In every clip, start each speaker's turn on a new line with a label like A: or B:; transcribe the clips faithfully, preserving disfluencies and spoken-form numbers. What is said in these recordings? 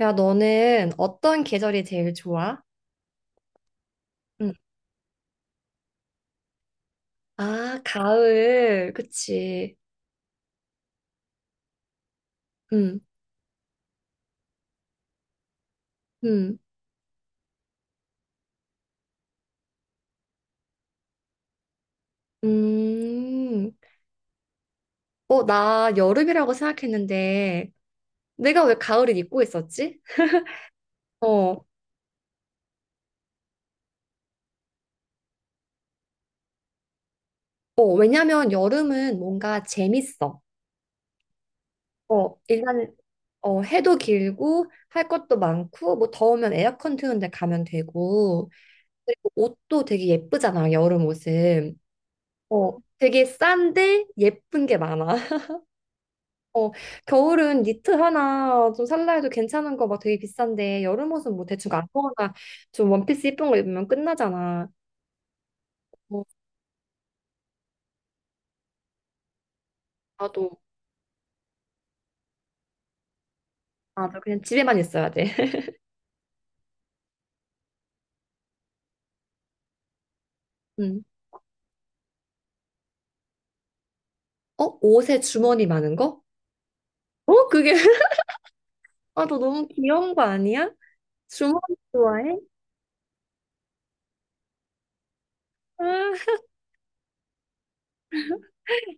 A: 야, 너는 어떤 계절이 제일 좋아? 응. 아, 가을. 그치. 응, 응, 음. 어, 나 여름이라고 생각했는데, 내가 왜 가을을 입고 있었지? 어, 어, 왜냐면 여름은 뭔가 재밌어. 어, 일단, 어, 해도 길고, 할 것도 많고, 뭐 더우면 에어컨 트는 데 가면 되고, 그리고 옷도 되게 예쁘잖아, 여름 옷은. 어, 되게 싼데 예쁜 게 많아. 어, 겨울은 니트 하나 좀 살라 해도 괜찮은 거 막 되게 비싼데 여름 옷은 뭐 대충 아무거나 좀 원피스 예쁜 거 입으면 끝나잖아. 뭐 나도 나도 그냥 집에만 있어야 돼. 음. 어, 옷에 주머니 많은 거? 어, 그게 아, 너 너무 귀여운 거 아니야? 주머니 좋아해? 아,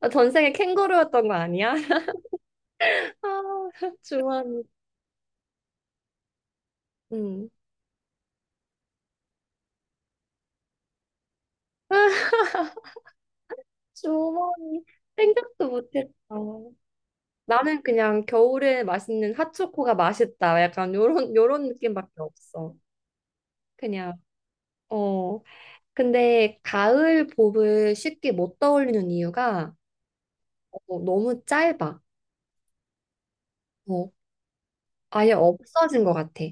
A: 나 전생에 캥거루였던 거 아니야? 아, 주머니. 음. 아, 주머니 생각도 못했어. 나는 그냥 겨울에 맛있는 핫초코가 맛있다. 약간 요런 요런 느낌밖에 없어. 그냥 어. 근데 가을 봄을 쉽게 못 떠올리는 이유가 어, 너무 짧아. 어, 아예 없어진 것 같아.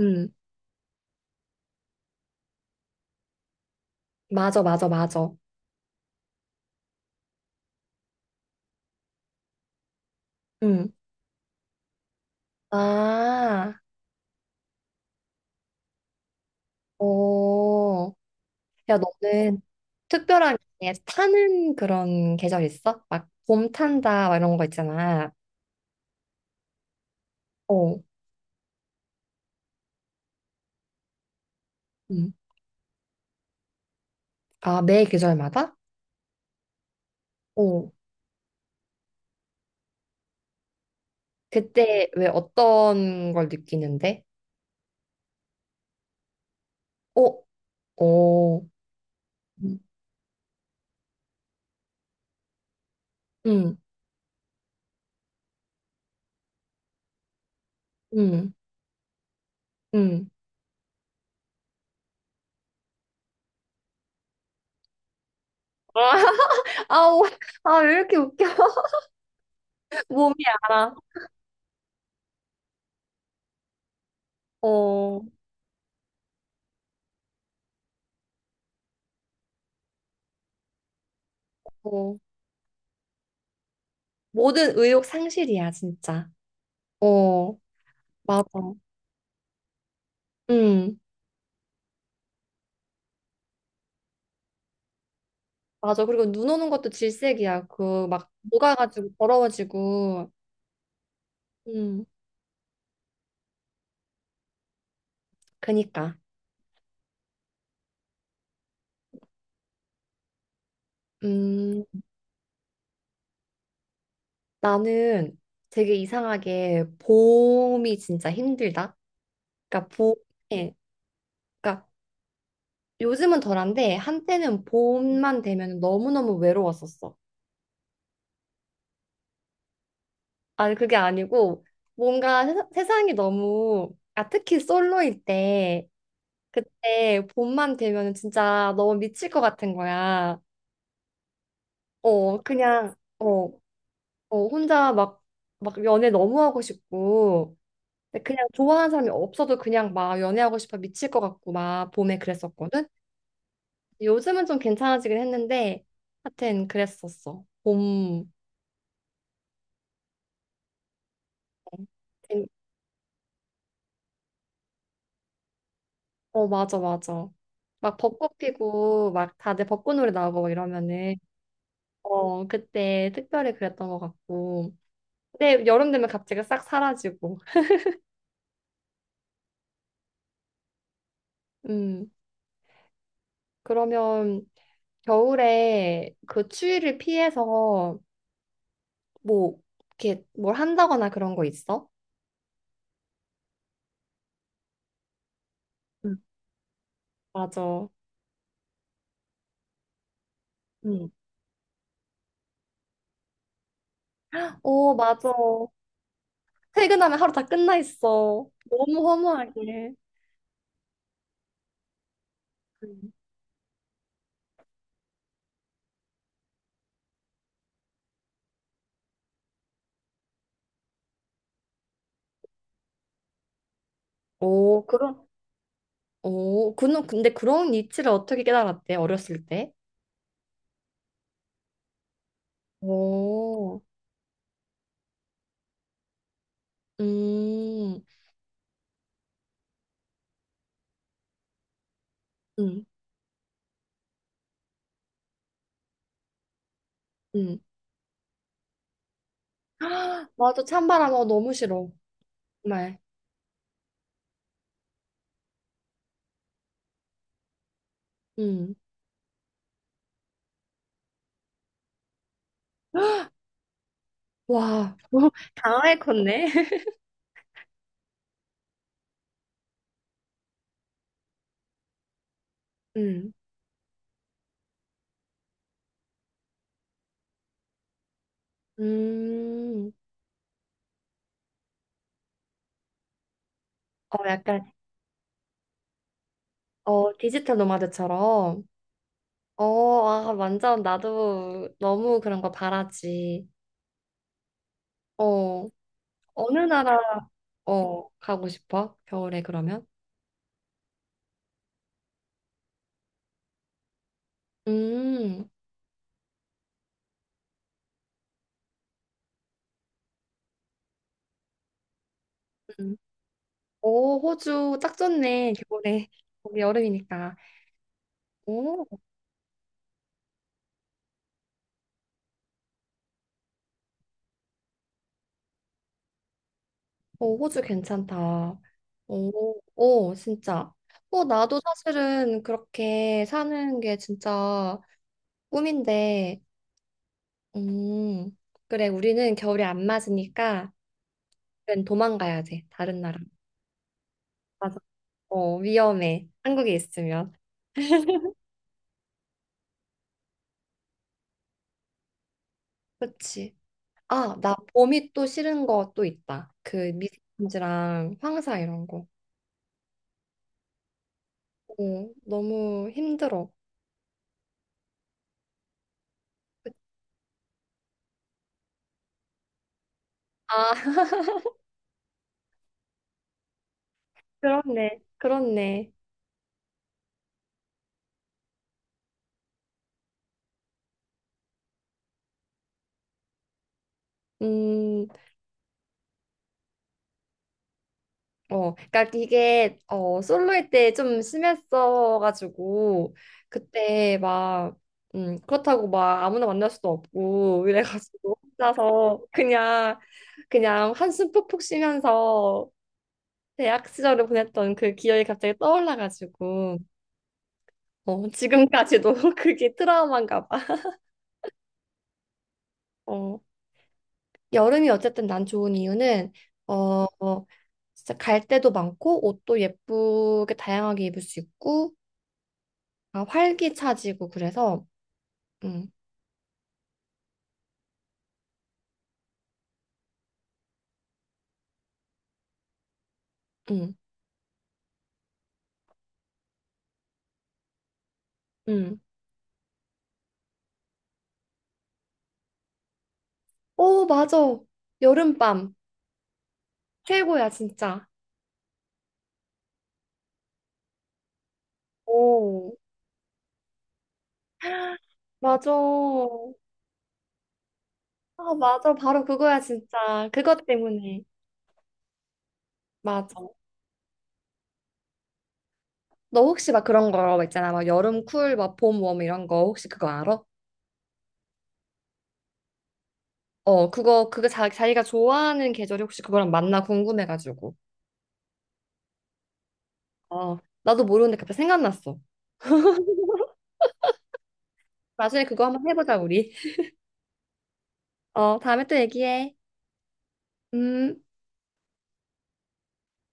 A: 음, 맞아, 맞아, 맞아. 음. 아, 어. 야, 너는 특별한 게 타는 그런 계절 있어? 막 봄 탄다, 막 이런 거 있잖아. 어. 음. 아, 매 계절마다? 어. 그때 왜 어떤 걸 느끼는데? 어, 어, 응, 응, 응. 아우, 아, 왜 이렇게 웃겨? 몸이 알아. 어, 어. 모든 의욕 상실이야, 진짜. 어, 맞아. 응, 맞아. 그리고 눈 오는 것도 질색이야. 그, 막, 녹아가지고, 더러워지고. 음, 그니까. 음, 나는 되게 이상하게 봄이 진짜 힘들다. 그러니까 봄에, 그러니까 요즘은 덜한데 한때는 봄만 되면 너무너무 외로웠었어. 아니 그게 아니고 뭔가 세상- 세상이 너무 아 특히 솔로일 때 그때 봄만 되면 진짜 너무 미칠 것 같은 거야. 어 그냥 어, 어 혼자 막 막 연애 너무 하고 싶고 근데 그냥 좋아하는 사람이 없어도 그냥 막 연애하고 싶어 미칠 것 같고 막 봄에 그랬었거든. 요즘은 좀 괜찮아지긴 했는데 하여튼 그랬었어. 봄 어, 어, 맞아, 맞아. 막 벚꽃 피고, 막 다들 벚꽃 노래 나오고 막 이러면은, 어, 그때 특별히 그랬던 것 같고. 근데 여름 되면 갑자기 싹 사라지고. 음, 그러면 겨울에 그 추위를 피해서 뭐, 이렇게 뭘 한다거나 그런 거 있어? 응 맞아. 응 오, 맞아. 퇴근하면 하루 다 끝나 있어. 너무 허무하게. 응 오, 그런, 오, 그, 근데 그런 이치를 어떻게 깨달았대, 어렸을 때? 오, 음, 음, 음. 아, 맞아. 찬바람, 어, 너무 싫어. 정말. 음. 와, 너무 강하게 컸네. 음, 음. 어, 약간, 어, 디지털 노마드처럼. 어, 아, 완전 나도 너무 그런 거 바라지. 어, 어느 나라, 어, 가고 싶어? 겨울에 그러면? 음, 음. 오, 호주 딱 좋네. 겨울에. 거기 여름이니까. 오. 어, 호주 괜찮다. 오, 오, 진짜. 어, 나도 사실은 그렇게 사는 게 진짜 꿈인데, 음, 그래, 우리는 겨울이 안 맞으니까, 그 도망가야 돼, 다른 나라. 맞아. 어, 위험해. 한국에 있으면. 그치. 아, 나 봄이 또 싫은 거 또 있다. 그 미세먼지랑 황사 이런 거. 오 너무 힘들어. 그, 아, 그렇네. 그렇네. 음. 어, 그러니까 이게 어 솔로일 때 좀 심했어가지고 그때 막 음, 그렇다고 막 아무나 만날 수도 없고 이래가지고 혼자서 그냥 그냥 한숨 푹푹 쉬면서 대학 시절을 보냈던 그 기억이 갑자기 떠올라가지고 어, 지금까지도 그게 트라우마인가 봐. 어, 여름이 어쨌든 난 좋은 이유는 어, 어, 진짜 갈 데도 많고 옷도 예쁘게 다양하게 입을 수 있고 아, 활기차지고 그래서 음, 음, 음. 오, 맞아. 여름밤 최고야, 진짜. 오, 맞아. 아, 맞아. 바로 그거야, 진짜. 그것 때문에. 맞아. 너 혹시 막 그런 거 있잖아. 막 여름 쿨, 막 봄 웜 이런 거 혹시 그거 알아? 어, 그거 그거 자, 자기가 좋아하는 계절이 혹시 그거랑 맞나 궁금해가지고. 어, 나도 모르는데 갑자기 생각났어. 나중에 그거 한번 해보자, 우리. 어, 다음에 또 얘기해. 음.